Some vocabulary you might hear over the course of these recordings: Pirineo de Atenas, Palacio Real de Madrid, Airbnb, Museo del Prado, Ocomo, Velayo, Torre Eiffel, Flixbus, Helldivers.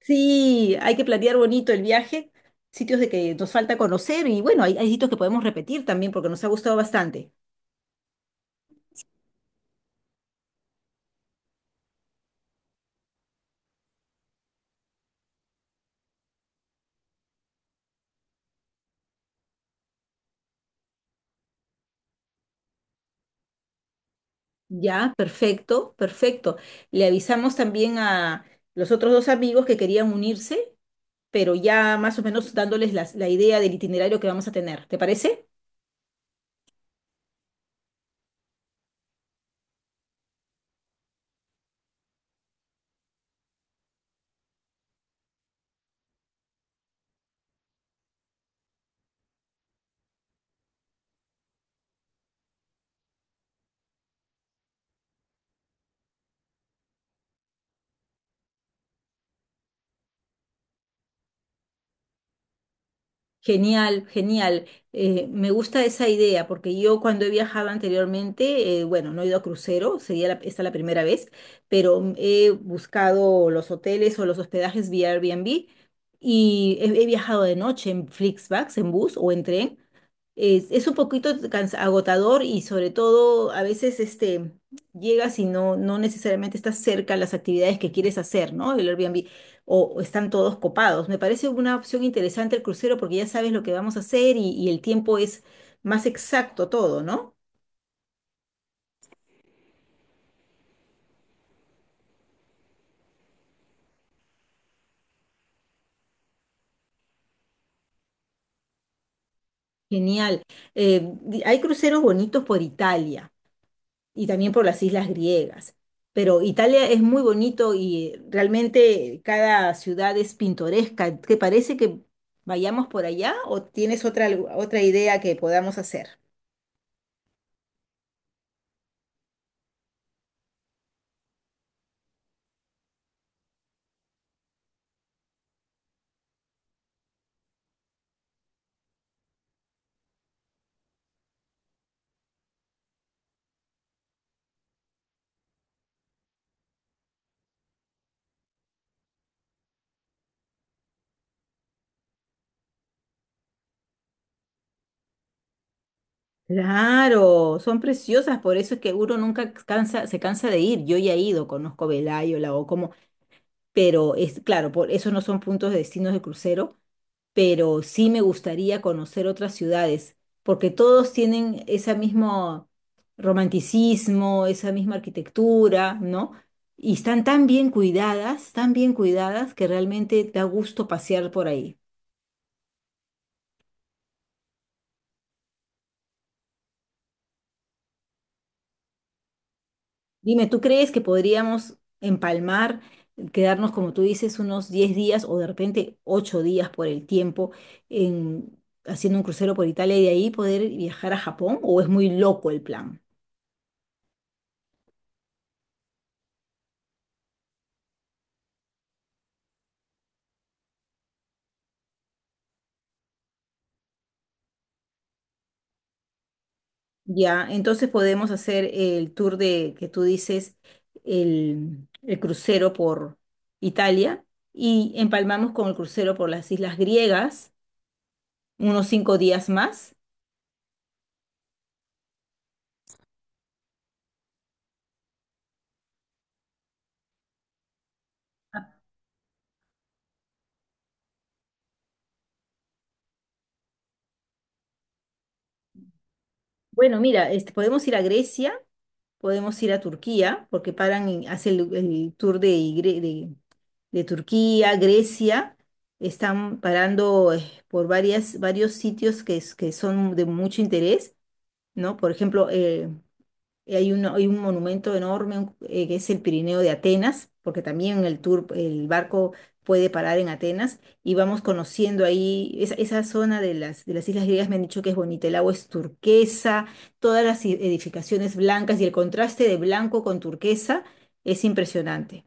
Sí, hay que planear bonito el viaje, sitios de que nos falta conocer y bueno, hay sitios que podemos repetir también porque nos ha gustado bastante. Ya, perfecto, perfecto. Le avisamos también a los otros dos amigos que querían unirse, pero ya más o menos dándoles la idea del itinerario que vamos a tener. ¿Te parece? Genial, genial. Me gusta esa idea porque yo cuando he viajado anteriormente, bueno, no he ido a crucero, sería esta la primera vez, pero he buscado los hoteles o los hospedajes vía Airbnb y he viajado de noche en Flixbus, en bus o en tren es un poquito agotador y sobre todo a veces este, llegas y no necesariamente estás cerca a las actividades que quieres hacer, ¿no? El Airbnb o están todos copados. Me parece una opción interesante el crucero porque ya sabes lo que vamos a hacer y el tiempo es más exacto todo, ¿no? Genial. Hay cruceros bonitos por Italia, y también por las islas griegas. Pero Italia es muy bonito y realmente cada ciudad es pintoresca. ¿Te parece que vayamos por allá o tienes otra idea que podamos hacer? Claro, son preciosas, por eso es que uno nunca cansa, se cansa de ir. Yo ya he ido, conozco Velayo, la Ocomo, pero es claro, por eso no son puntos de destinos de crucero, pero sí me gustaría conocer otras ciudades, porque todos tienen ese mismo romanticismo, esa misma arquitectura, ¿no? Y están tan bien cuidadas, que realmente da gusto pasear por ahí. Dime, ¿tú crees que podríamos empalmar, quedarnos, como tú dices, unos 10 días o de repente 8 días por el tiempo en, haciendo un crucero por Italia y de ahí poder viajar a Japón? ¿O es muy loco el plan? Ya, entonces podemos hacer el tour de que tú dices, el crucero por Italia y empalmamos con el crucero por las islas griegas, unos 5 días más. Bueno, mira, este, podemos ir a Grecia, podemos ir a Turquía, porque paran y hacen el tour de, Gre- de, de Turquía, Grecia, están parando por varios sitios que son de mucho interés, ¿no? Por ejemplo, hay hay un monumento enorme que es el Pirineo de Atenas, porque también el tour, el barco puede parar en Atenas y vamos conociendo ahí esa zona de las islas griegas. Me han dicho que es bonita, el agua es turquesa, todas edificaciones blancas y el contraste de blanco con turquesa es impresionante.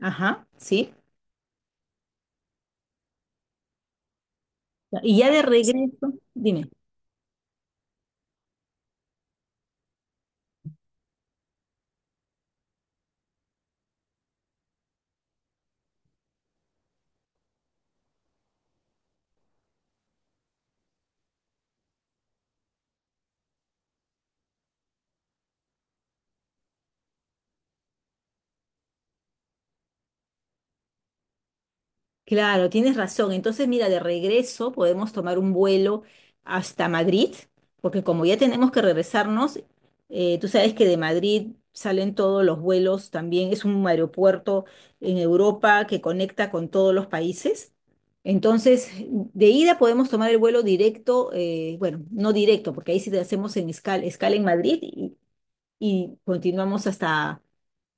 Ajá, sí. Y ya de regreso, dime. Claro, tienes razón. Entonces, mira, de regreso podemos tomar un vuelo hasta Madrid, porque como ya tenemos que regresarnos, tú sabes que de Madrid salen todos los vuelos también. Es un aeropuerto en Europa que conecta con todos los países. Entonces, de ida podemos tomar el vuelo directo, bueno, no directo, porque ahí sí te hacemos en escala en Madrid y continuamos hasta,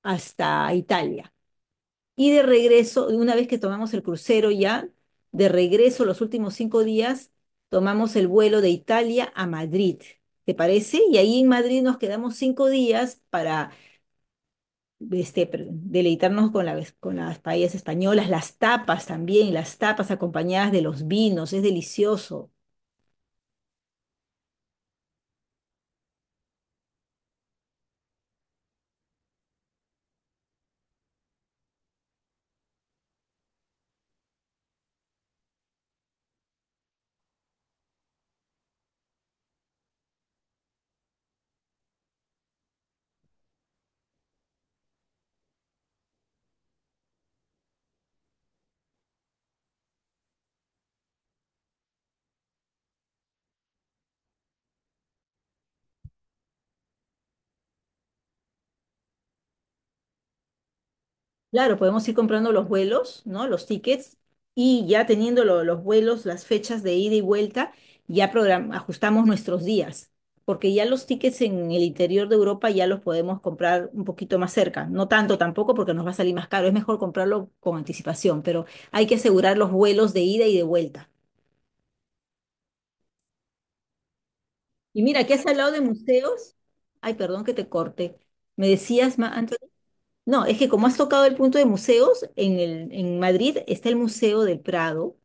hasta Italia. Y de regreso, una vez que tomamos el crucero ya, de regreso los últimos 5 días, tomamos el vuelo de Italia a Madrid. ¿Te parece? Y ahí en Madrid nos quedamos 5 días para deleitarnos con las paellas españolas, las tapas también, las tapas acompañadas de los vinos, es delicioso. Claro, podemos ir comprando los vuelos, ¿no? Los tickets y ya teniendo los vuelos, las fechas de ida y vuelta, ajustamos nuestros días, porque ya los tickets en el interior de Europa ya los podemos comprar un poquito más cerca, no tanto tampoco porque nos va a salir más caro, es mejor comprarlo con anticipación, pero hay que asegurar los vuelos de ida y de vuelta. Y mira, aquí has hablado de museos. Ay, perdón que te corte. Me decías, antes. No, es que como has tocado el punto de museos, en Madrid está el Museo del Prado,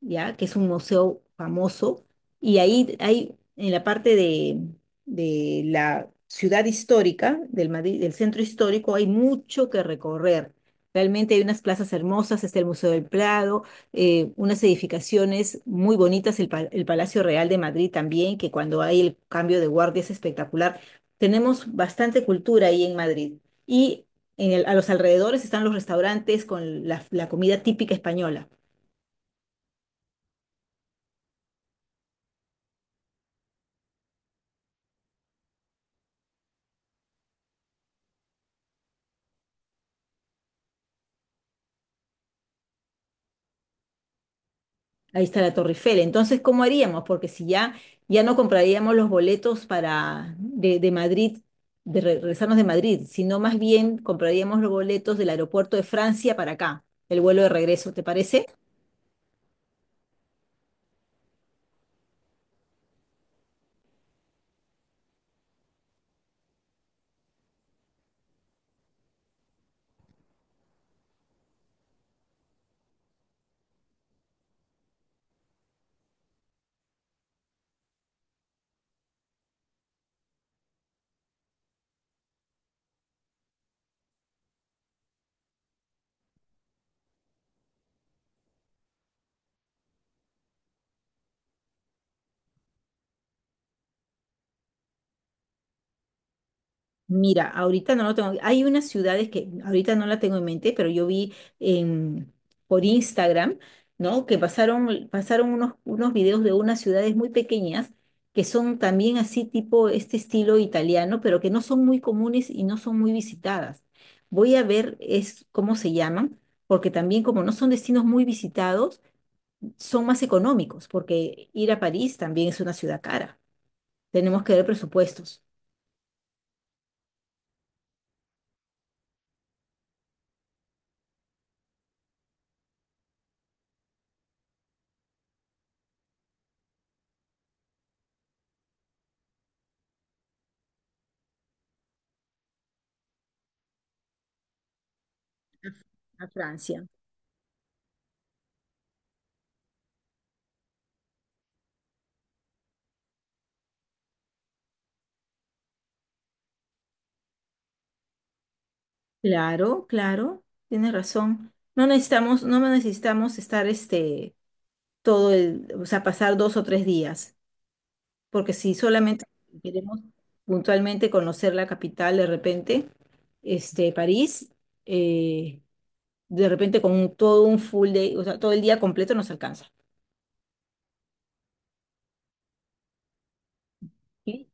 ¿ya? Que es un museo famoso. Y ahí hay, en la parte de la ciudad histórica, del Madrid, del centro histórico, hay mucho que recorrer. Realmente hay unas plazas hermosas, está el Museo del Prado, unas edificaciones muy bonitas, el Palacio Real de Madrid también, que cuando hay el cambio de guardia es espectacular. Tenemos bastante cultura ahí en Madrid. Y a los alrededores están los restaurantes con la comida típica española. Ahí está la Torre Eiffel. Entonces, ¿cómo haríamos? Porque si ya, ya no compraríamos los boletos de Madrid, regresarnos de Madrid, sino más bien compraríamos los boletos del aeropuerto de Francia para acá, el vuelo de regreso, ¿te parece? Mira, ahorita no lo tengo. Hay unas ciudades que ahorita no la tengo en mente, pero yo vi en- por Instagram, ¿no? Que pasaron, pasaron unos videos de unas ciudades muy pequeñas que son también así tipo este estilo italiano, pero que no son muy comunes y no son muy visitadas. Voy a ver es cómo se llaman, porque también como no son destinos muy visitados, son más económicos, porque ir a París también es una ciudad cara. Tenemos que ver presupuestos. A Francia. Claro, claro, tienes razón. No necesitamos, no necesitamos estar este todo el, o sea, pasar dos o tres días, porque si solamente queremos puntualmente conocer la capital de repente, este, París, eh, de repente con todo un full day, o sea, todo el día completo nos alcanza. Sí.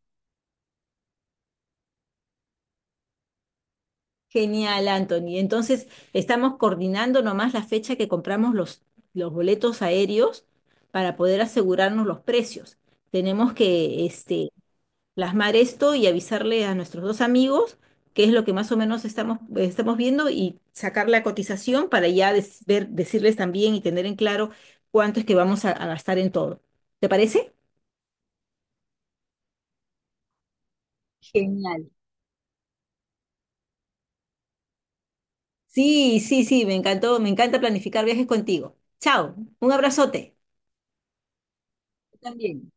Genial, Anthony. Entonces, estamos coordinando nomás la fecha que compramos los boletos aéreos para poder asegurarnos los precios tenemos que este, plasmar esto y avisarle a nuestros dos amigos qué es lo que más o menos estamos, estamos viendo y sacar la cotización para ya decirles también y tener en claro cuánto es que vamos a gastar en todo. ¿Te parece? Genial. Sí, sí, sí, me encantó, me encanta planificar viajes contigo. Chao, un abrazote. Yo también.